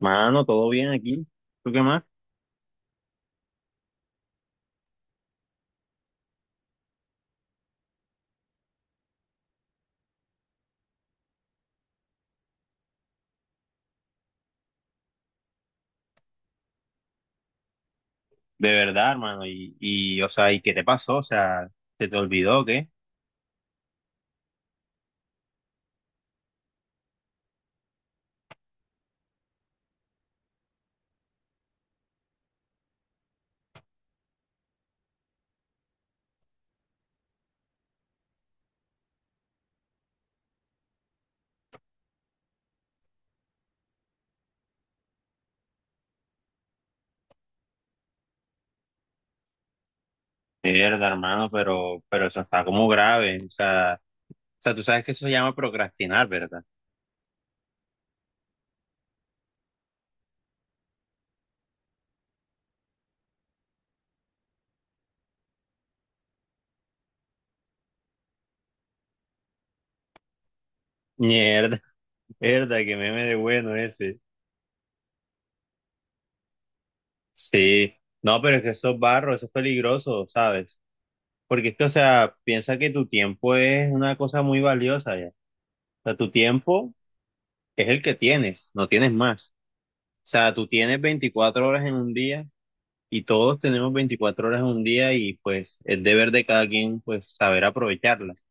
Mano, todo bien aquí. ¿Tú qué más? De verdad, hermano. Y, o sea, ¿y qué te pasó? O sea, ¿se te olvidó o qué? De verdad, hermano, pero eso está como grave. O sea, tú sabes que eso se llama procrastinar, ¿verdad? Mierda, mierda, que meme de bueno ese. Sí. No, pero es que eso es barro, eso es peligroso, ¿sabes? Porque es que, o sea, piensa que tu tiempo es una cosa muy valiosa ya. O sea, tu tiempo es el que tienes, no tienes más. O sea, tú tienes 24 horas en un día y todos tenemos 24 horas en un día y pues es deber de cada quien pues saber aprovecharlas.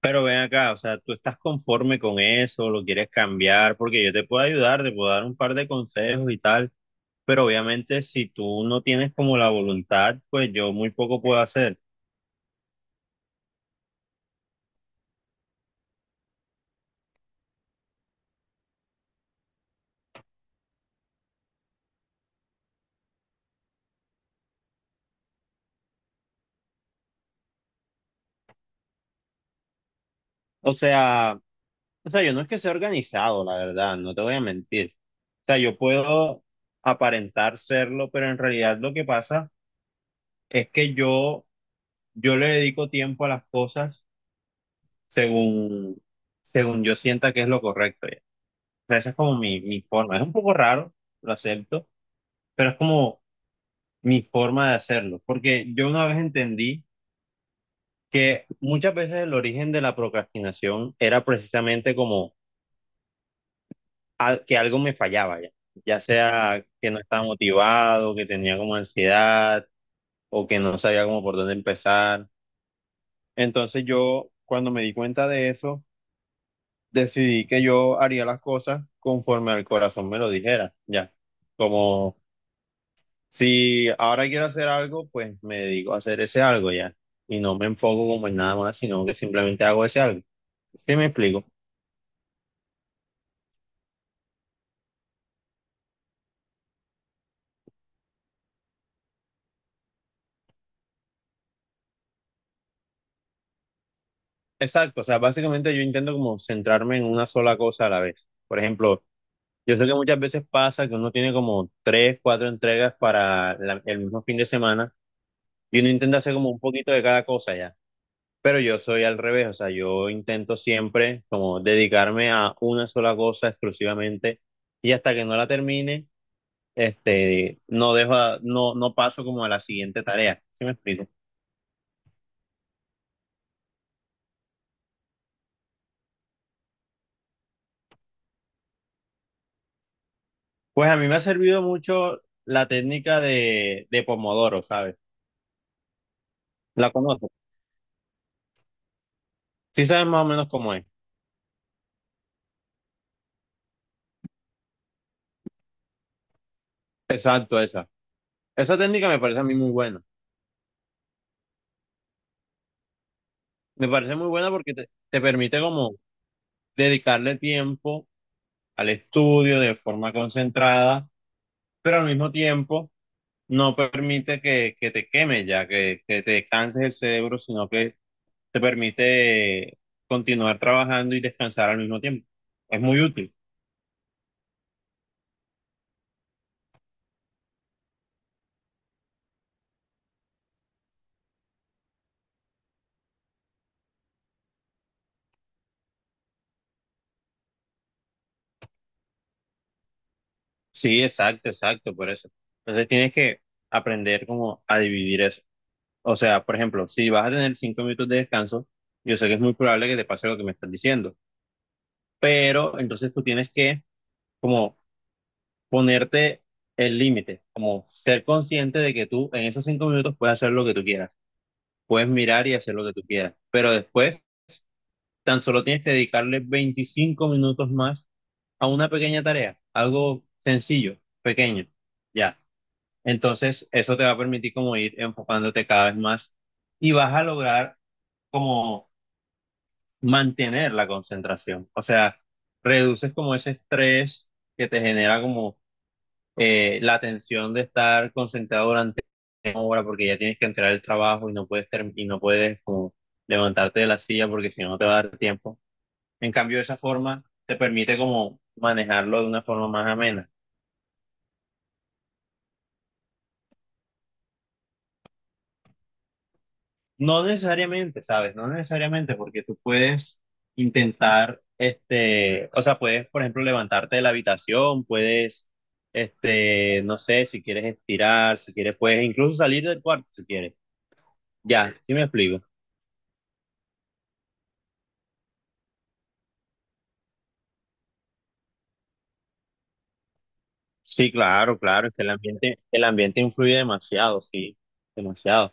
Pero ven acá, o sea, ¿tú estás conforme con eso? ¿Lo quieres cambiar? Porque yo te puedo ayudar, te puedo dar un par de consejos y tal, pero obviamente si tú no tienes como la voluntad, pues yo muy poco puedo hacer. O sea, o sea, yo no es que sea organizado, la verdad, no te voy a mentir. O sea, yo puedo aparentar serlo, pero en realidad lo que pasa es que yo le dedico tiempo a las cosas según, según yo sienta que es lo correcto. Ya. O sea, esa es como mi forma. Es un poco raro, lo acepto, pero es como mi forma de hacerlo. Porque yo una vez entendí que muchas veces el origen de la procrastinación era precisamente como que algo me fallaba ya. Ya sea que no estaba motivado, que tenía como ansiedad o que no sabía como por dónde empezar. Entonces yo, cuando me di cuenta de eso, decidí que yo haría las cosas conforme al corazón me lo dijera, ya. Como si ahora quiero hacer algo, pues me dedico a hacer ese algo ya. Y no me enfoco como en nada más, sino que simplemente hago ese algo. ¿Sí me explico? Exacto, o sea, básicamente yo intento como centrarme en una sola cosa a la vez. Por ejemplo, yo sé que muchas veces pasa que uno tiene como tres, cuatro entregas para el mismo fin de semana y uno intenta hacer como un poquito de cada cosa ya. Pero yo soy al revés, o sea, yo intento siempre como dedicarme a una sola cosa exclusivamente y hasta que no la termine, no dejo, no, no paso como a la siguiente tarea. ¿Sí me explico? Pues a mí me ha servido mucho la técnica de Pomodoro, ¿sabes? La conozco. Sí sabes más o menos cómo es. Exacto, esa. Esa técnica me parece a mí muy buena. Me parece muy buena porque te permite como dedicarle tiempo al estudio de forma concentrada, pero al mismo tiempo no permite que te queme ya, que te canses el cerebro, sino que te permite continuar trabajando y descansar al mismo tiempo. Es muy útil. Sí, exacto, exacto, por eso. Entonces tienes que aprender como a dividir eso. O sea, por ejemplo, si vas a tener 5 minutos de descanso, yo sé que es muy probable que te pase lo que me estás diciendo, pero entonces tú tienes que como ponerte el límite, como ser consciente de que tú en esos 5 minutos puedes hacer lo que tú quieras. Puedes mirar y hacer lo que tú quieras, pero después tan solo tienes que dedicarle 25 minutos más a una pequeña tarea, algo sencillo, pequeño, ya. Entonces, eso te va a permitir como ir enfocándote cada vez más y vas a lograr como mantener la concentración, o sea, reduces como ese estrés que te genera como la atención de estar concentrado durante una hora porque ya tienes que entrar al trabajo y no puedes y no puedes como levantarte de la silla porque si no no te va a dar tiempo. En cambio, de esa forma te permite como manejarlo de una forma más amena. No necesariamente, ¿sabes? No necesariamente porque tú puedes intentar, o sea, puedes, por ejemplo, levantarte de la habitación, puedes, no sé, si quieres estirar, si quieres, puedes incluso salir del cuarto si quieres. Ya, sí me explico. Sí, claro, claro, es que el ambiente influye demasiado.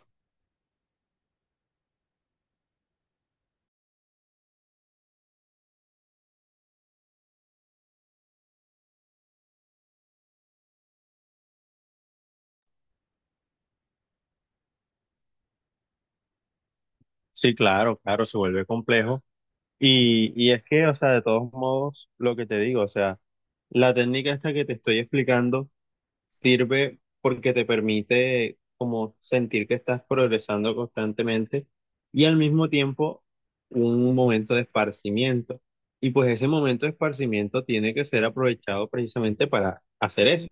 Sí, claro, claro, se vuelve complejo. Y, es que, o sea, de todos modos, lo que te digo, o sea, la técnica esta que te estoy explicando. Sirve porque te permite como sentir que estás progresando constantemente y al mismo tiempo un momento de esparcimiento. Y pues ese momento de esparcimiento tiene que ser aprovechado precisamente para hacer eso,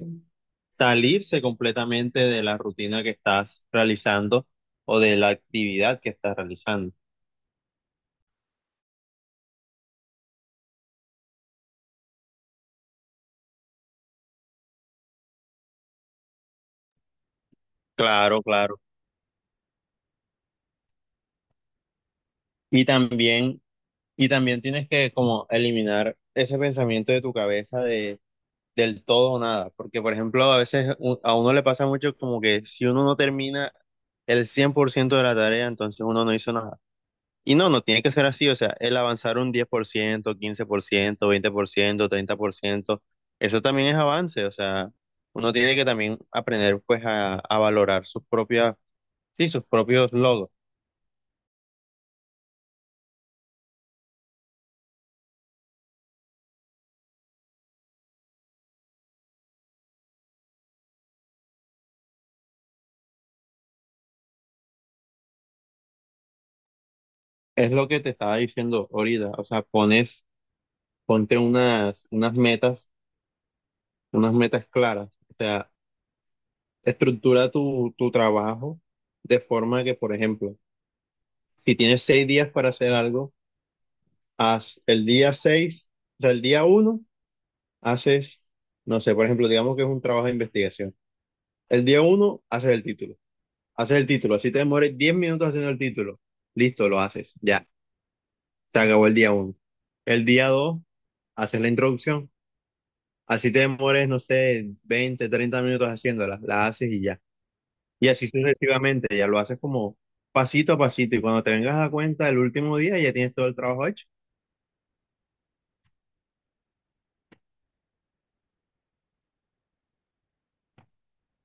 salirse completamente de la rutina que estás realizando o de la actividad que estás realizando. Claro, claro. Y también, y también tienes que como eliminar ese pensamiento de tu cabeza de del todo o nada, porque por ejemplo a veces a uno le pasa mucho como que si uno no termina el 100% de la tarea, entonces uno no hizo nada. Y no, no tiene que ser así, o sea, el avanzar un 10 por ciento, 115, 20%, 30%, eso también es avance, o sea, uno tiene que también aprender pues a valorar sus propias, sí, sus propios logros. Es lo que te estaba diciendo ahorita, o sea, pones, ponte unas, unas metas claras. O sea, estructura tu trabajo de forma que, por ejemplo, si tienes 6 días para hacer algo, haz el día seis, o sea, el día uno, haces, no sé, por ejemplo, digamos que es un trabajo de investigación. El día uno, haces el título. Haces el título. Así te demores 10 minutos haciendo el título. Listo, lo haces. Ya, se acabó el día uno. El día dos, haces la introducción. Así te demores, no sé, 20, 30 minutos haciéndola. La haces y ya. Y así sucesivamente, ya lo haces como pasito a pasito y cuando te vengas a dar cuenta el último día ya tienes todo el trabajo hecho.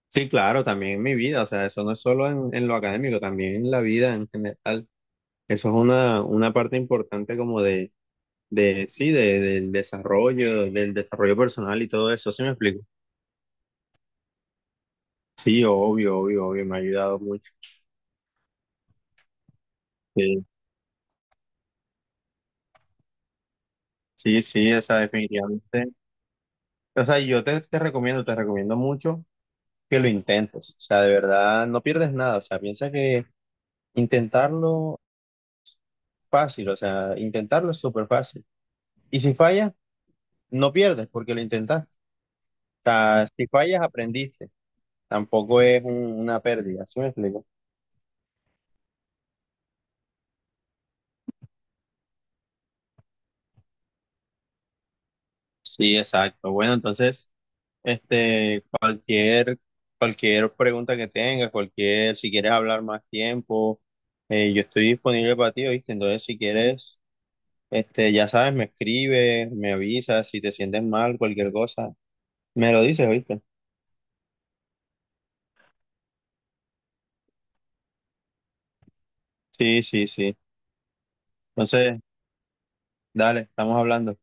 Sí, claro, también en mi vida, o sea, eso no es solo en lo académico, también en la vida en general. Eso es una parte importante como de sí, del desarrollo, personal y todo eso, ¿sí me explico? Sí, obvio, obvio, obvio, me ha ayudado mucho. Sí, sí, sí, o sea, definitivamente. O sea, yo te recomiendo, te recomiendo mucho que lo intentes, o sea, de verdad, no pierdes nada, o sea, piensa que intentarlo fácil, o sea, intentarlo es súper fácil. Y si fallas, no pierdes porque lo intentaste. O sea, si fallas, aprendiste. Tampoco es una pérdida, ¿sí me explico? Sí, exacto. Bueno, entonces, este, cualquier, cualquier pregunta que tengas, cualquier, si quieres hablar más tiempo, yo estoy disponible para ti, ¿oíste? Entonces, si quieres, ya sabes, me escribes, me avisas, si te sientes mal, cualquier cosa, me lo dices, ¿oíste? Sí, sí, sí. Entonces, dale, estamos hablando.